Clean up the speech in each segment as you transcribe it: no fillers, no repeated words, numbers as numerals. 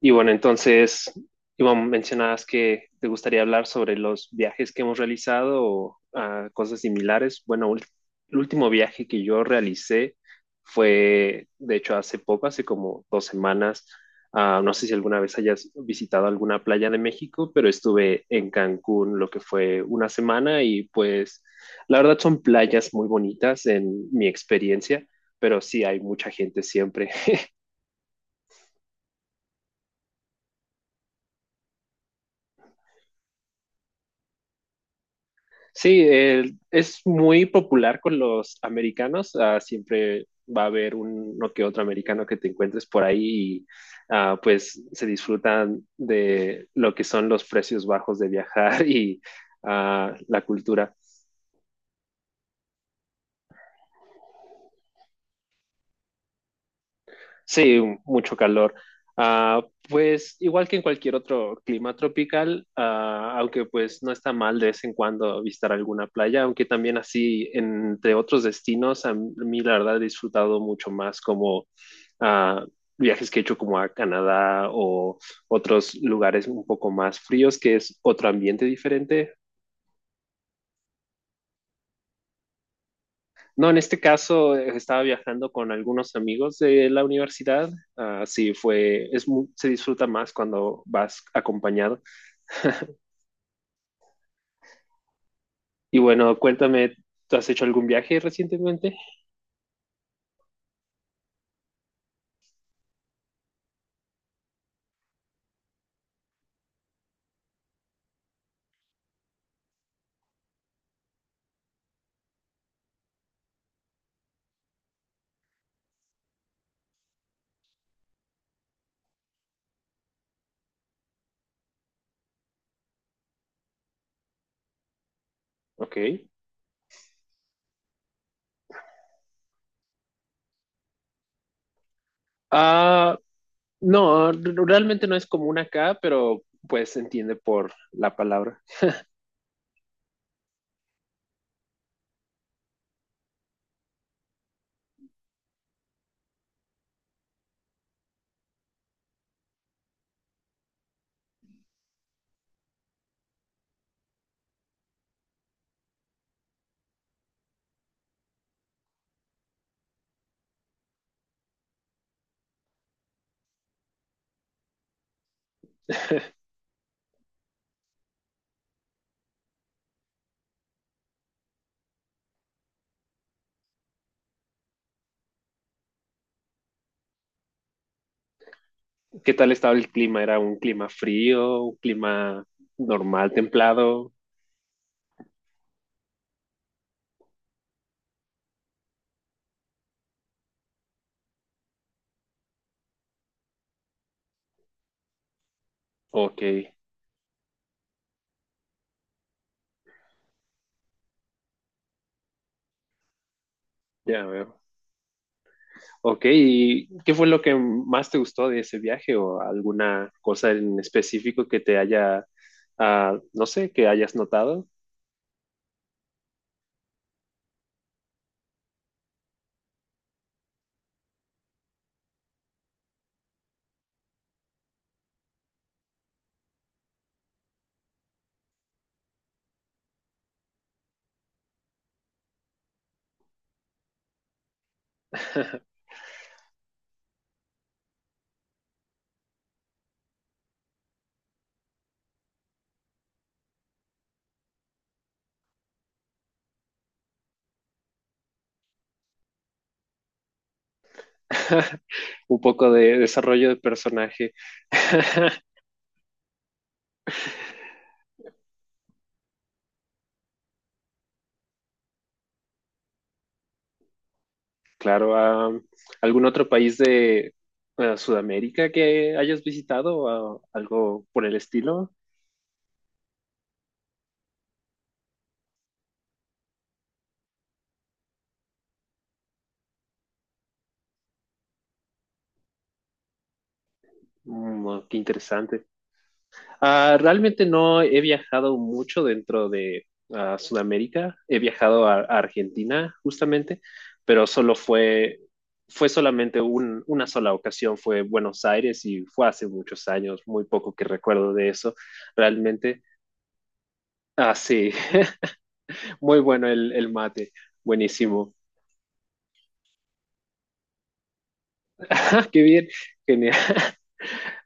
Y bueno, entonces, Iván, mencionabas que te gustaría hablar sobre los viajes que hemos realizado o cosas similares. El último viaje que yo realicé fue, de hecho, hace poco, hace como dos semanas. No sé si alguna vez hayas visitado alguna playa de México, pero estuve en Cancún lo que fue una semana y pues la verdad son playas muy bonitas en mi experiencia, pero sí hay mucha gente siempre. Sí, es muy popular con los americanos. Ah, siempre va a haber uno que otro americano que te encuentres por ahí y pues se disfrutan de lo que son los precios bajos de viajar la cultura. Sí, mucho calor. Ah, pues igual que en cualquier otro clima tropical, aunque pues no está mal de vez en cuando visitar alguna playa, aunque también así entre otros destinos, a mí la verdad he disfrutado mucho más como ah, viajes que he hecho como a Canadá o otros lugares un poco más fríos, que es otro ambiente diferente. No, en este caso estaba viajando con algunos amigos de la universidad. Se disfruta más cuando vas acompañado. Y bueno, cuéntame, ¿tú has hecho algún viaje recientemente? Ok. Ah, no, realmente no es común acá, pero pues se entiende por la palabra. ¿Qué tal estaba el clima? ¿Era un clima frío, un clima normal, templado? Ok, ya veo. Ok, ¿y qué fue lo que más te gustó de ese viaje o alguna cosa en específico que te haya, no sé, que hayas notado? Un poco de desarrollo de personaje. Claro, ¿algún otro país de Sudamérica que hayas visitado o algo por el estilo? Mm, qué interesante. Realmente no he viajado mucho dentro de Sudamérica. He viajado a Argentina, justamente, pero solo fue, fue solamente una sola ocasión, fue Buenos Aires y fue hace muchos años, muy poco que recuerdo de eso, realmente. Ah, sí, muy bueno el mate, buenísimo. Ah, qué bien, genial.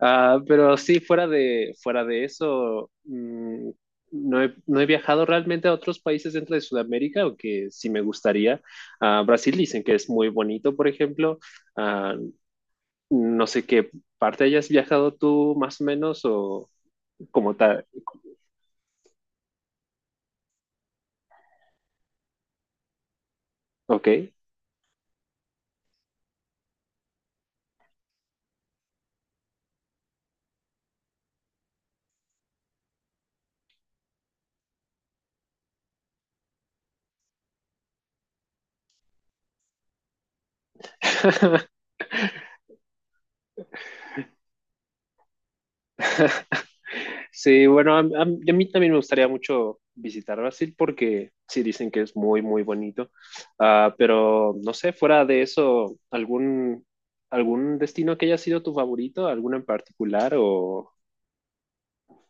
Pero sí, fuera de eso, mm, no he, no he viajado realmente a otros países dentro de Sudamérica, aunque sí me gustaría. Brasil dicen que es muy bonito, por ejemplo. Ah, no sé qué parte hayas viajado tú más o menos o como tal. Ok. Sí, bueno, a mí también me gustaría mucho visitar Brasil porque sí dicen que es muy, muy bonito. Pero no sé, fuera de eso, ¿algún, algún destino que haya sido tu favorito? ¿Alguno en particular o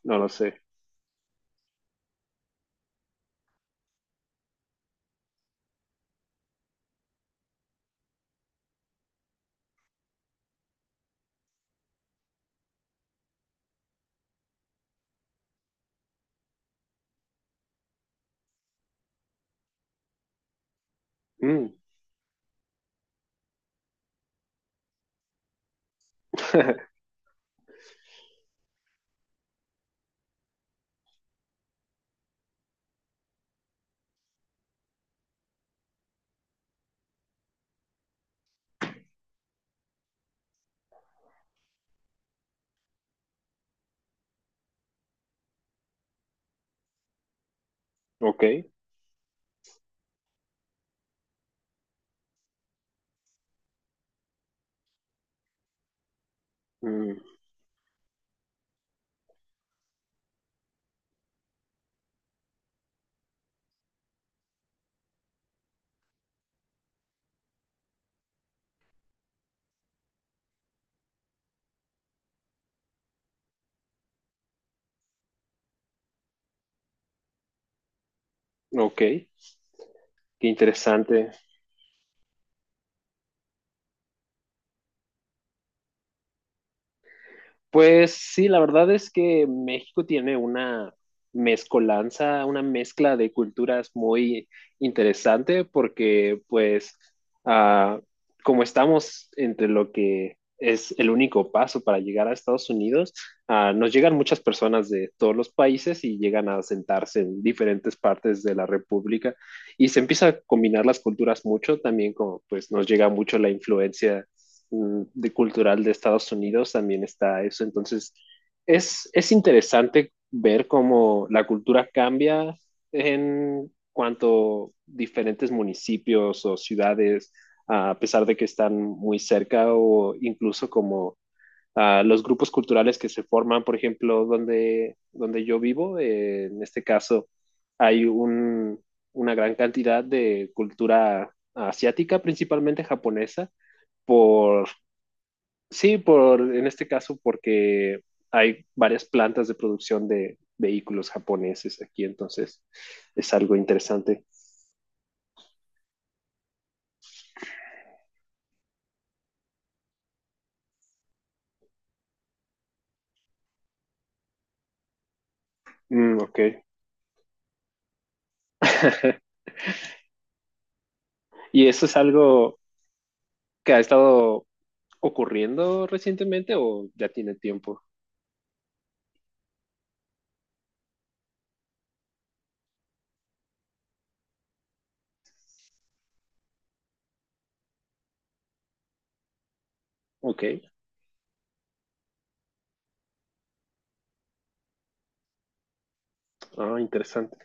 no lo sé? Mm, ok, mm, ok, qué interesante. Pues sí, la verdad es que México tiene una mezcolanza, una mezcla de culturas muy interesante porque pues ah, como estamos entre lo que es el único paso para llegar a Estados Unidos, nos llegan muchas personas de todos los países y llegan a sentarse en diferentes partes de la República y se empieza a combinar las culturas mucho, también como pues nos llega mucho la influencia mm, de cultural de Estados Unidos también está eso. Entonces, es interesante ver cómo la cultura cambia en cuanto diferentes municipios o ciudades, a pesar de que están muy cerca o incluso como los grupos culturales que se forman, por ejemplo, donde, donde yo vivo, en este caso hay un, una gran cantidad de cultura asiática, principalmente japonesa, por. Sí, por, en este caso porque hay varias plantas de producción de vehículos japoneses aquí, entonces es algo interesante. Mm, ok. ¿Y eso es algo que ha estado ocurriendo recientemente o ya tiene tiempo? Ok, interesante,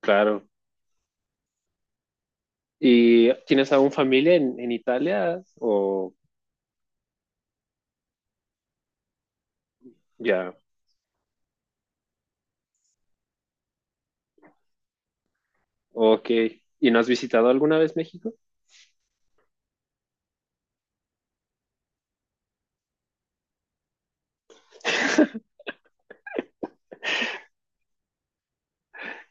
claro. ¿Y tienes aún familia en Italia o ya? Ok. ¿Y no has visitado alguna vez México?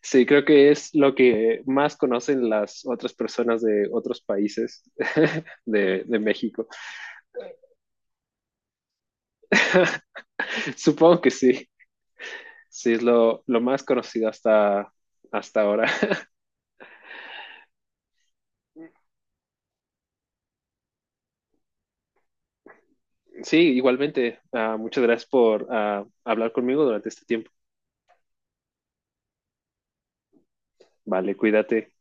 Sí, creo que es lo que más conocen las otras personas de otros países de México. Supongo que sí, sí, es lo más conocido hasta, hasta ahora. Sí, igualmente, muchas gracias por hablar conmigo durante este tiempo. Vale, cuídate.